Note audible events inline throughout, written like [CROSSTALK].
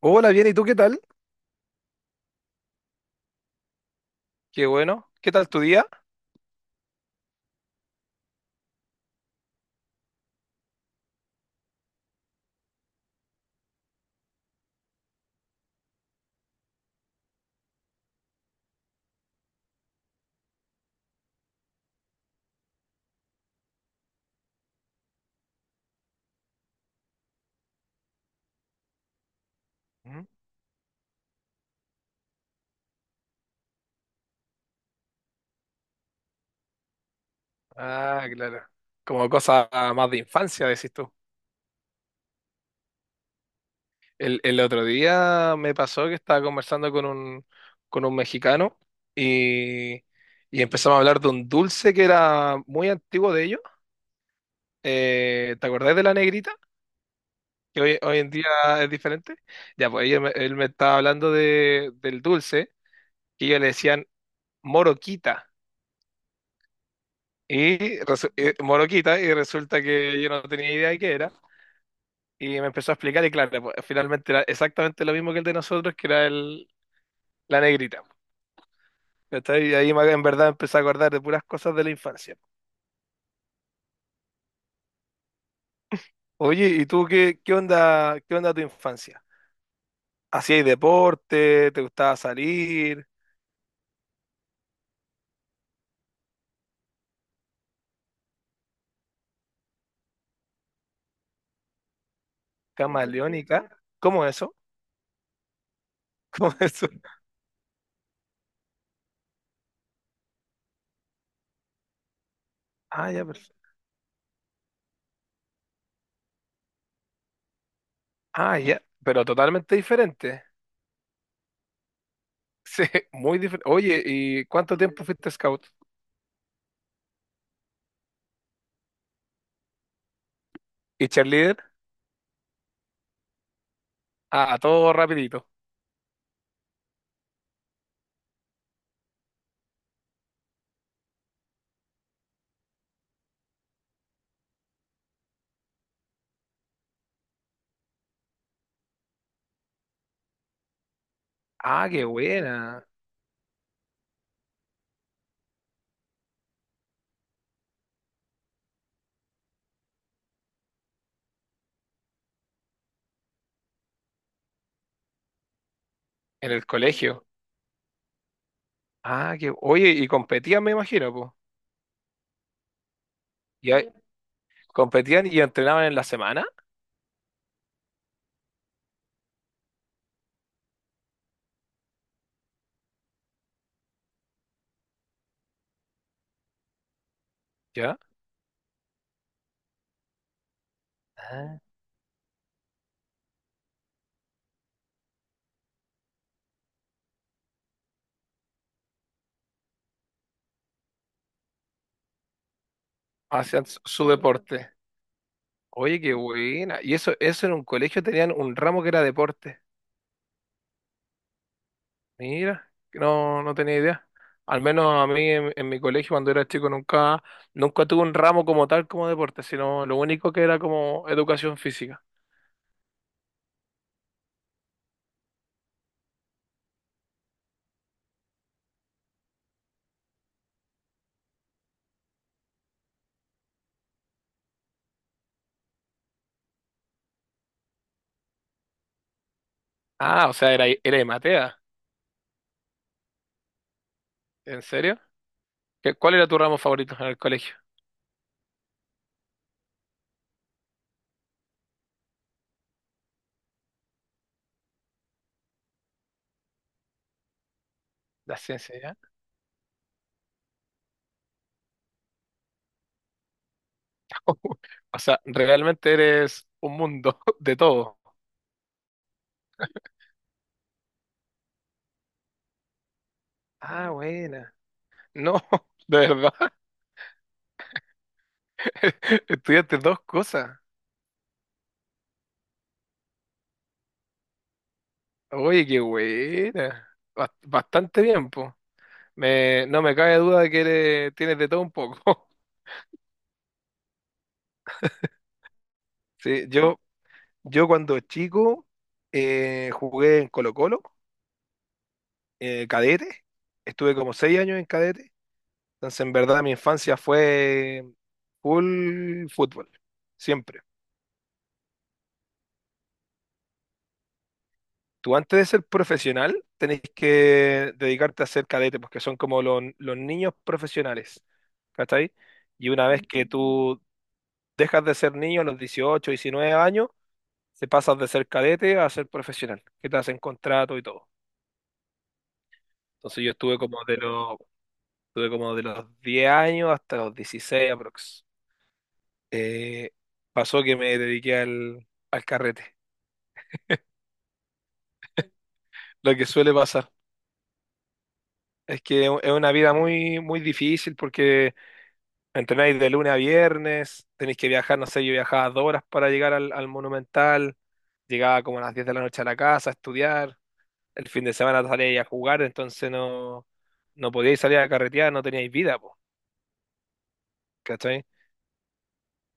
Hola, bien, ¿y tú qué tal? Qué bueno. ¿Qué tal tu día? ¿Mm? Ah, claro. Como cosa más de infancia, decís tú. El otro día me pasó que estaba conversando con un mexicano y, y empezamos a hablar de un dulce que era muy antiguo de ellos. ¿Te acordás de la negrita? Que hoy en día es diferente. Ya, pues él me estaba hablando del dulce que ellos le decían moroquita. Y, moroquita, y resulta que yo no tenía idea de qué era. Y me empezó a explicar y claro, pues, finalmente era exactamente lo mismo que el de nosotros, que era la negrita. ¿Cachai? Y en verdad empecé a acordar de puras cosas de la infancia. Oye, ¿y tú qué onda tu infancia? ¿Hacías deporte? ¿Te gustaba salir? ¿Camaleónica? ¿Cómo eso? [LAUGHS] ¿Cómo eso? Ah, ya, perfecto. Ah, ya, pero totalmente diferente. [LAUGHS] Sí, muy diferente. Oye, ¿y cuánto tiempo fuiste scout? ¿Y cheerleader? Ah, todo rapidito. Ah, qué buena. En el colegio. Ah, que, oye, y competían, me imagino, pues. Ya, sí, competían y entrenaban en la semana, ¿ya? Ah, hacían su sí, deporte. Oye, qué buena. Y eso en un colegio tenían un ramo que era deporte. Mira, no, no tenía idea. Al menos a mí en mi colegio cuando era chico nunca tuve un ramo como tal como deporte, sino lo único que era como educación física. Ah, o sea, era de Matea. ¿En serio? Cuál era tu ramo favorito en el colegio? La ciencia, ¿ya? [LAUGHS] O sea, realmente eres un mundo [LAUGHS] de todo. Ah, bueno. No, [LAUGHS] de verdad. [LAUGHS] Estudiaste dos cosas. Oye, qué buena. Bastante bien, po. No me cabe duda de que tienes de todo un poco. [LAUGHS] Sí, yo cuando chico jugué en Colo-Colo, cadete. Estuve como 6 años en cadete. Entonces, en verdad, mi infancia fue full fútbol. Siempre. Tú antes de ser profesional tenés que dedicarte a ser cadete, porque son como los niños profesionales, ¿cachai? Y una vez que tú dejas de ser niño a los 18, 19 años, te pasas de ser cadete a ser profesional, que te hacen contrato y todo. Entonces yo estuve como de los 10 años hasta los 16 aprox. Eh, Pasó que me dediqué al carrete. Lo que suele pasar es que es una vida muy, muy difícil porque entrenáis de lunes a viernes, tenéis que viajar, no sé, yo viajaba 2 horas para llegar al Monumental, llegaba como a las 10 de la noche a la casa a estudiar, el fin de semana salíais a jugar, entonces no podíais salir a carretear, no teníais vida, po, ¿cachai?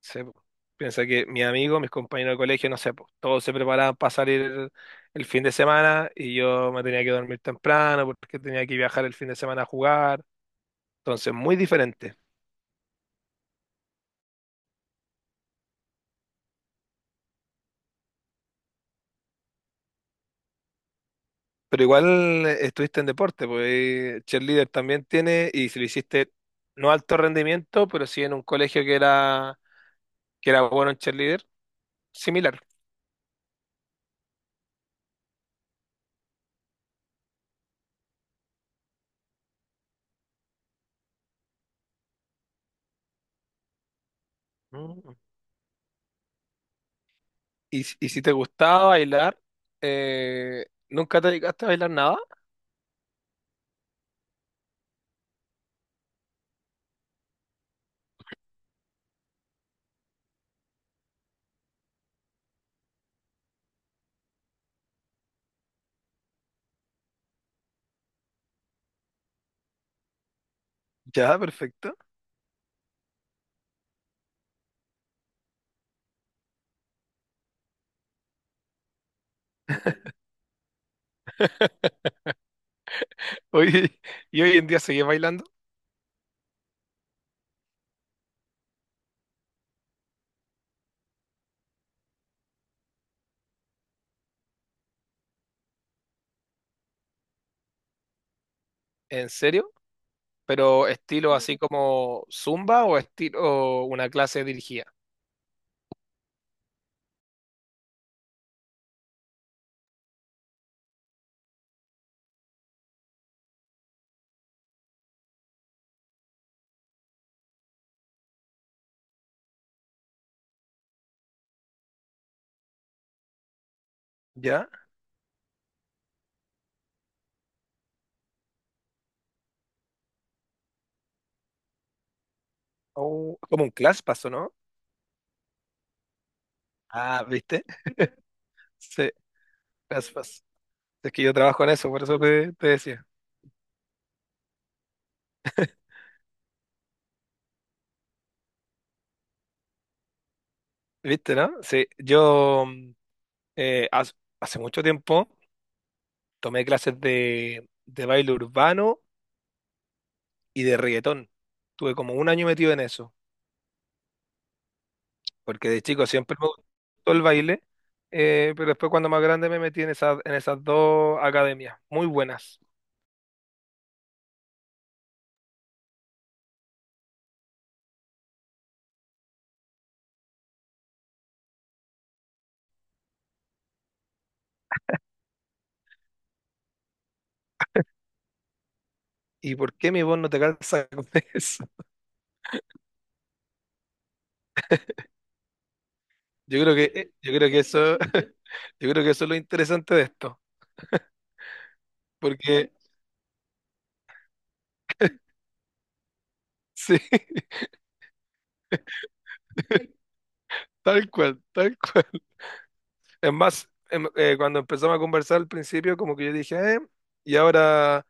Sí, po. Piensa que mis amigos, mis compañeros de colegio, no sé, po, todos se preparaban para salir el fin de semana y yo me tenía que dormir temprano porque tenía que viajar el fin de semana a jugar, entonces muy diferente. Pero igual estuviste en deporte, pues cheerleader también tiene, y si lo hiciste no alto rendimiento, pero sí en un colegio que era bueno en cheerleader, similar. Mm. Y, si te gustaba bailar, ¿nunca te dedicaste a bailar nada? Ya, perfecto. [LAUGHS] Oye, ¿y hoy en día seguís bailando? ¿En serio? ¿Pero estilo así como Zumba o estilo una clase dirigida? ¿Ya? O como un class paso, ¿no? Ah, ¿viste? Sí, class pass. Es que yo trabajo en eso, por eso te decía. ¿Viste, no? Sí, yo eh, haz- hace mucho tiempo tomé clases de baile urbano y de reggaetón. Tuve como un año metido en eso, porque de chico siempre me gustó el baile, pero después cuando más grande me metí en esas dos academias, muy buenas. ¿Y por qué mi voz no te calza con [LAUGHS] eso? Yo creo que eso, [LAUGHS] Yo creo que eso es lo interesante de esto, porque sí, [LAUGHS] tal cual, tal cual. Es más, cuando empezamos a conversar al principio, como que yo dije, y ahora,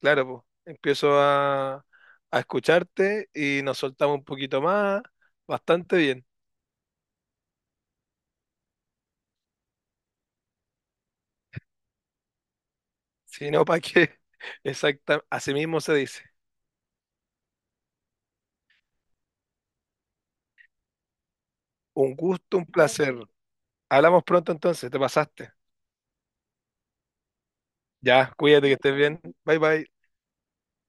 claro, pues, empiezo a escucharte y nos soltamos un poquito más, bastante bien. Si no, ¿para qué? [LAUGHS] Exacta, así mismo se dice. Un gusto, un placer. Hablamos pronto entonces, te pasaste. Ya, cuídate que estés bien. Bye bye.